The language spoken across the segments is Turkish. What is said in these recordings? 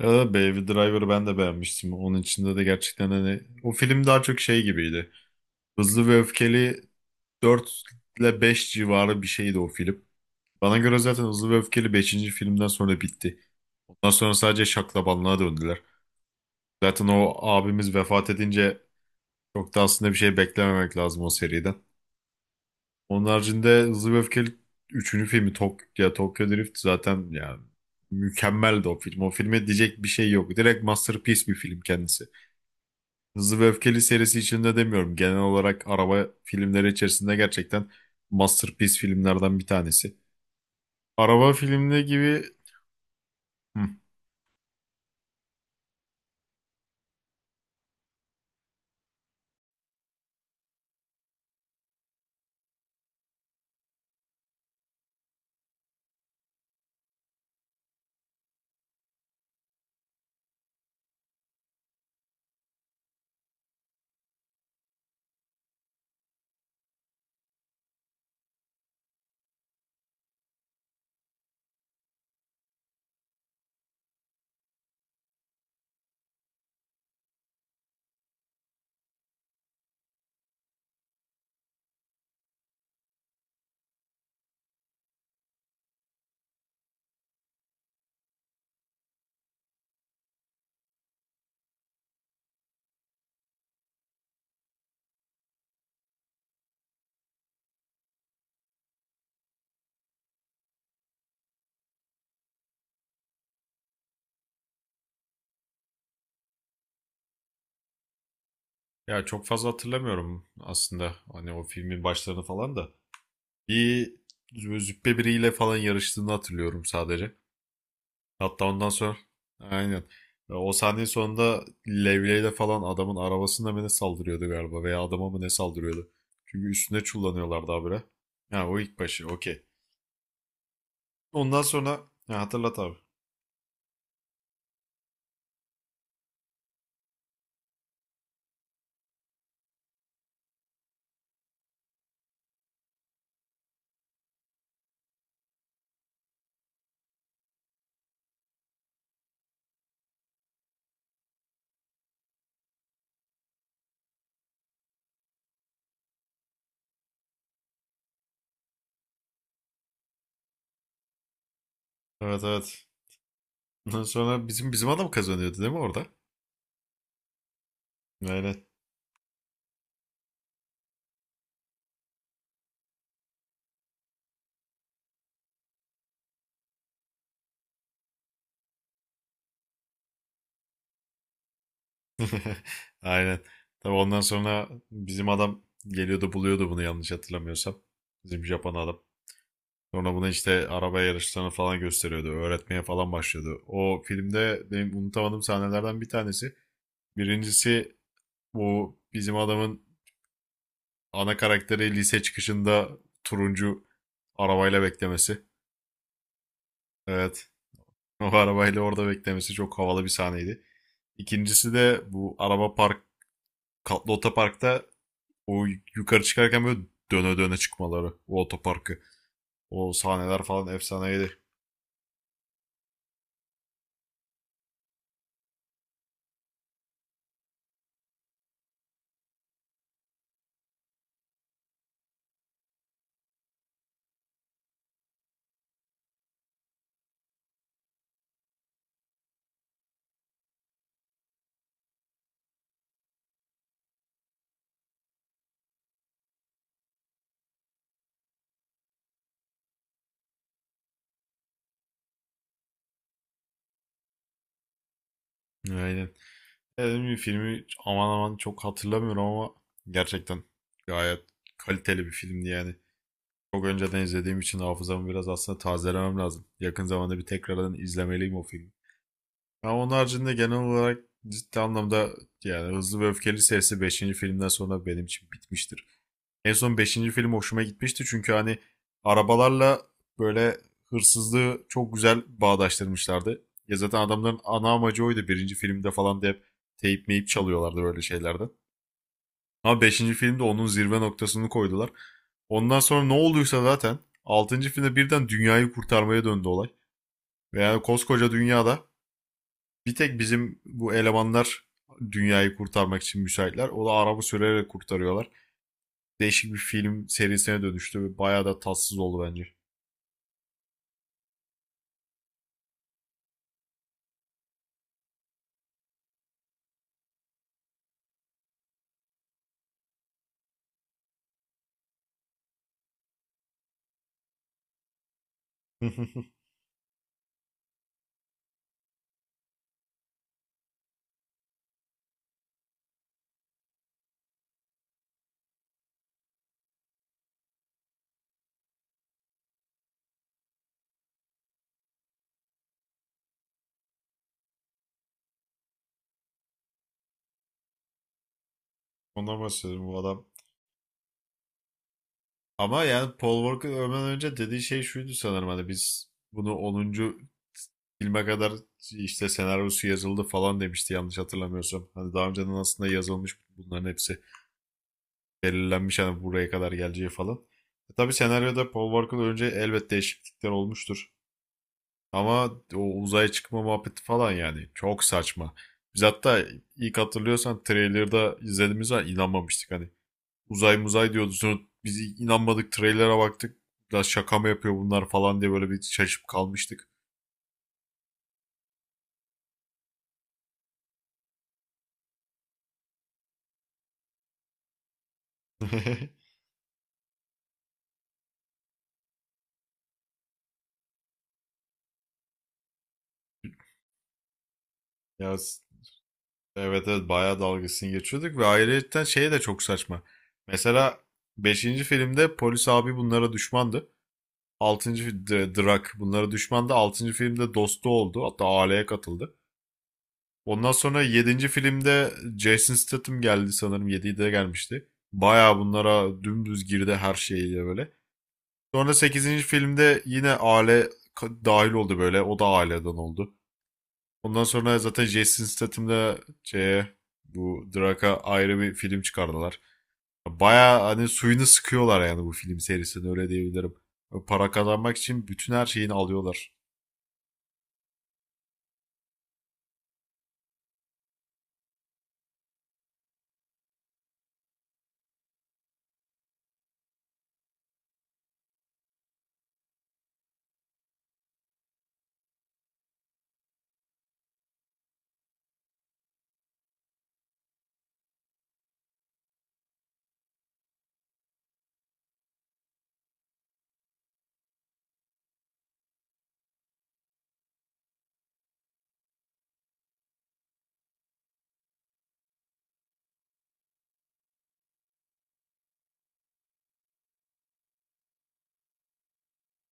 Ya da Baby Driver'ı ben de beğenmiştim. Onun içinde de gerçekten hani o film daha çok şey gibiydi. Hızlı ve Öfkeli 4 ile 5 civarı bir şeydi o film. Bana göre zaten Hızlı ve Öfkeli beşinci filmden sonra bitti. Ondan sonra sadece şaklabanlığa döndüler. Zaten o abimiz vefat edince çok da aslında bir şey beklememek lazım o seriden. Onun haricinde Hızlı ve Öfkeli üçüncü filmi Tok ya Tokyo Drift zaten yani mükemmeldi o film. O filme diyecek bir şey yok. Direkt masterpiece bir film kendisi. Hızlı ve Öfkeli serisi içinde demiyorum. Genel olarak araba filmleri içerisinde gerçekten masterpiece filmlerden bir tanesi. Araba filmi gibi. Hı. Ya çok fazla hatırlamıyorum aslında. Hani o filmin başlarını falan da. Bir züppe biriyle falan yarıştığını hatırlıyorum sadece. Hatta ondan sonra aynen. O sahne sonunda levyeyle falan adamın arabasına mı ne saldırıyordu galiba veya adama mı ne saldırıyordu. Çünkü üstüne çullanıyorlardı abire. Ha o ilk başı okey. Ondan sonra ya hatırlat abi. Evet, evet. Ondan sonra bizim adam kazanıyordu değil mi orada? Aynen. Aynen. Tabii ondan sonra bizim adam geliyordu buluyordu bunu yanlış hatırlamıyorsam. Bizim Japon adam. Sonra bunu işte araba yarışlarını falan gösteriyordu. Öğretmeye falan başlıyordu. O filmde benim unutamadığım sahnelerden bir tanesi. Birincisi bu bizim adamın ana karakteri lise çıkışında turuncu arabayla beklemesi. Evet. O arabayla orada beklemesi çok havalı bir sahneydi. İkincisi de bu araba park, katlı otoparkta o yukarı çıkarken böyle döne döne çıkmaları o otoparkı. O sahneler falan efsaneydi. Aynen. Ya dediğim filmi aman aman çok hatırlamıyorum ama gerçekten gayet kaliteli bir filmdi yani. Çok önceden izlediğim için hafızamı biraz aslında tazelemem lazım. Yakın zamanda bir tekrardan izlemeliyim o filmi. Ama onun haricinde genel olarak ciddi anlamda yani Hızlı ve Öfkeli serisi beşinci filmden sonra benim için bitmiştir. En son beşinci film hoşuma gitmişti çünkü hani arabalarla böyle hırsızlığı çok güzel bağdaştırmışlardı. Ya zaten adamların ana amacı oydu birinci filmde falan diye hep teyip meyip çalıyorlardı böyle şeylerden. Ama beşinci filmde onun zirve noktasını koydular. Ondan sonra ne olduysa zaten altıncı filmde birden dünyayı kurtarmaya döndü olay. Ve yani koskoca dünyada bir tek bizim bu elemanlar dünyayı kurtarmak için müsaitler. O da araba sürerek kurtarıyorlar. Değişik bir film serisine dönüştü ve bayağı da tatsız oldu bence. Ondan bahsediyorum bu adam. Ama yani Paul Walker ölmeden önce dediği şey şuydu sanırım hani biz bunu onuncu filme kadar işte senaryosu yazıldı falan demişti yanlış hatırlamıyorsam. Hani daha önceden aslında yazılmış bunların hepsi belirlenmiş hani buraya kadar geleceği falan. E tabii senaryoda Paul Walker önce elbet değişiklikler olmuştur. Ama o uzaya çıkma muhabbeti falan yani çok saçma. Biz hatta ilk hatırlıyorsan trailer'da izlediğimiz zaman inanmamıştık hani. Uzay muzay diyordu sonra biz inanmadık trailer'a baktık. Ya şaka mı yapıyor bunlar falan diye böyle bir şaşıp kalmıştık. Ya s- evet, evet, bayağı dalgasını geçiyorduk ve ayrıca şey de çok saçma. Mesela beşinci filmde polis abi bunlara düşmandı. Altıncı Drak bunlara düşmandı. Altıncı filmde dostu oldu. Hatta aileye katıldı. Ondan sonra yedinci filmde Jason Statham geldi sanırım 7'de gelmişti. Bayağı bunlara dümdüz girdi her şeyiyle böyle. Sonra sekizinci filmde yine aile dahil oldu böyle. O da aileden oldu. Ondan sonra zaten Jason Statham'da şeye bu Drak'a ayrı bir film çıkardılar. Bayağı hani suyunu sıkıyorlar yani bu film serisini öyle diyebilirim. Para kazanmak için bütün her şeyini alıyorlar.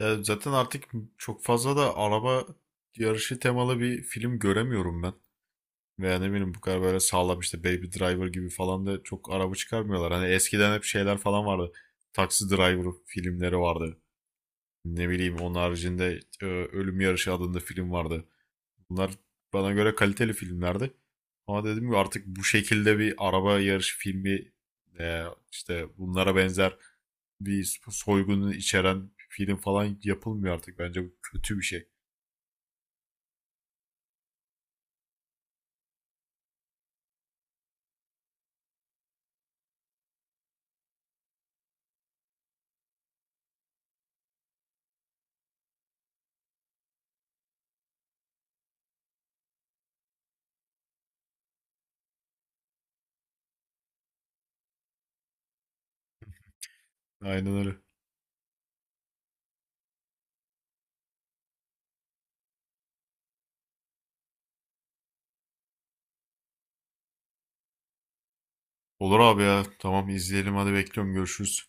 Ya zaten artık çok fazla da araba yarışı temalı bir film göremiyorum ben. Veya ne bileyim bu kadar böyle sağlam işte Baby Driver gibi falan da çok araba çıkarmıyorlar. Hani eskiden hep şeyler falan vardı. Taxi Driver filmleri vardı. Ne bileyim onun haricinde Ölüm Yarışı adında film vardı. Bunlar bana göre kaliteli filmlerdi. Ama dedim ki artık bu şekilde bir araba yarışı filmi, e, işte bunlara benzer bir soygunu içeren film falan yapılmıyor artık. Bence bu kötü bir şey. Aynen öyle. Olur abi ya. Tamam, izleyelim hadi, bekliyorum. Görüşürüz.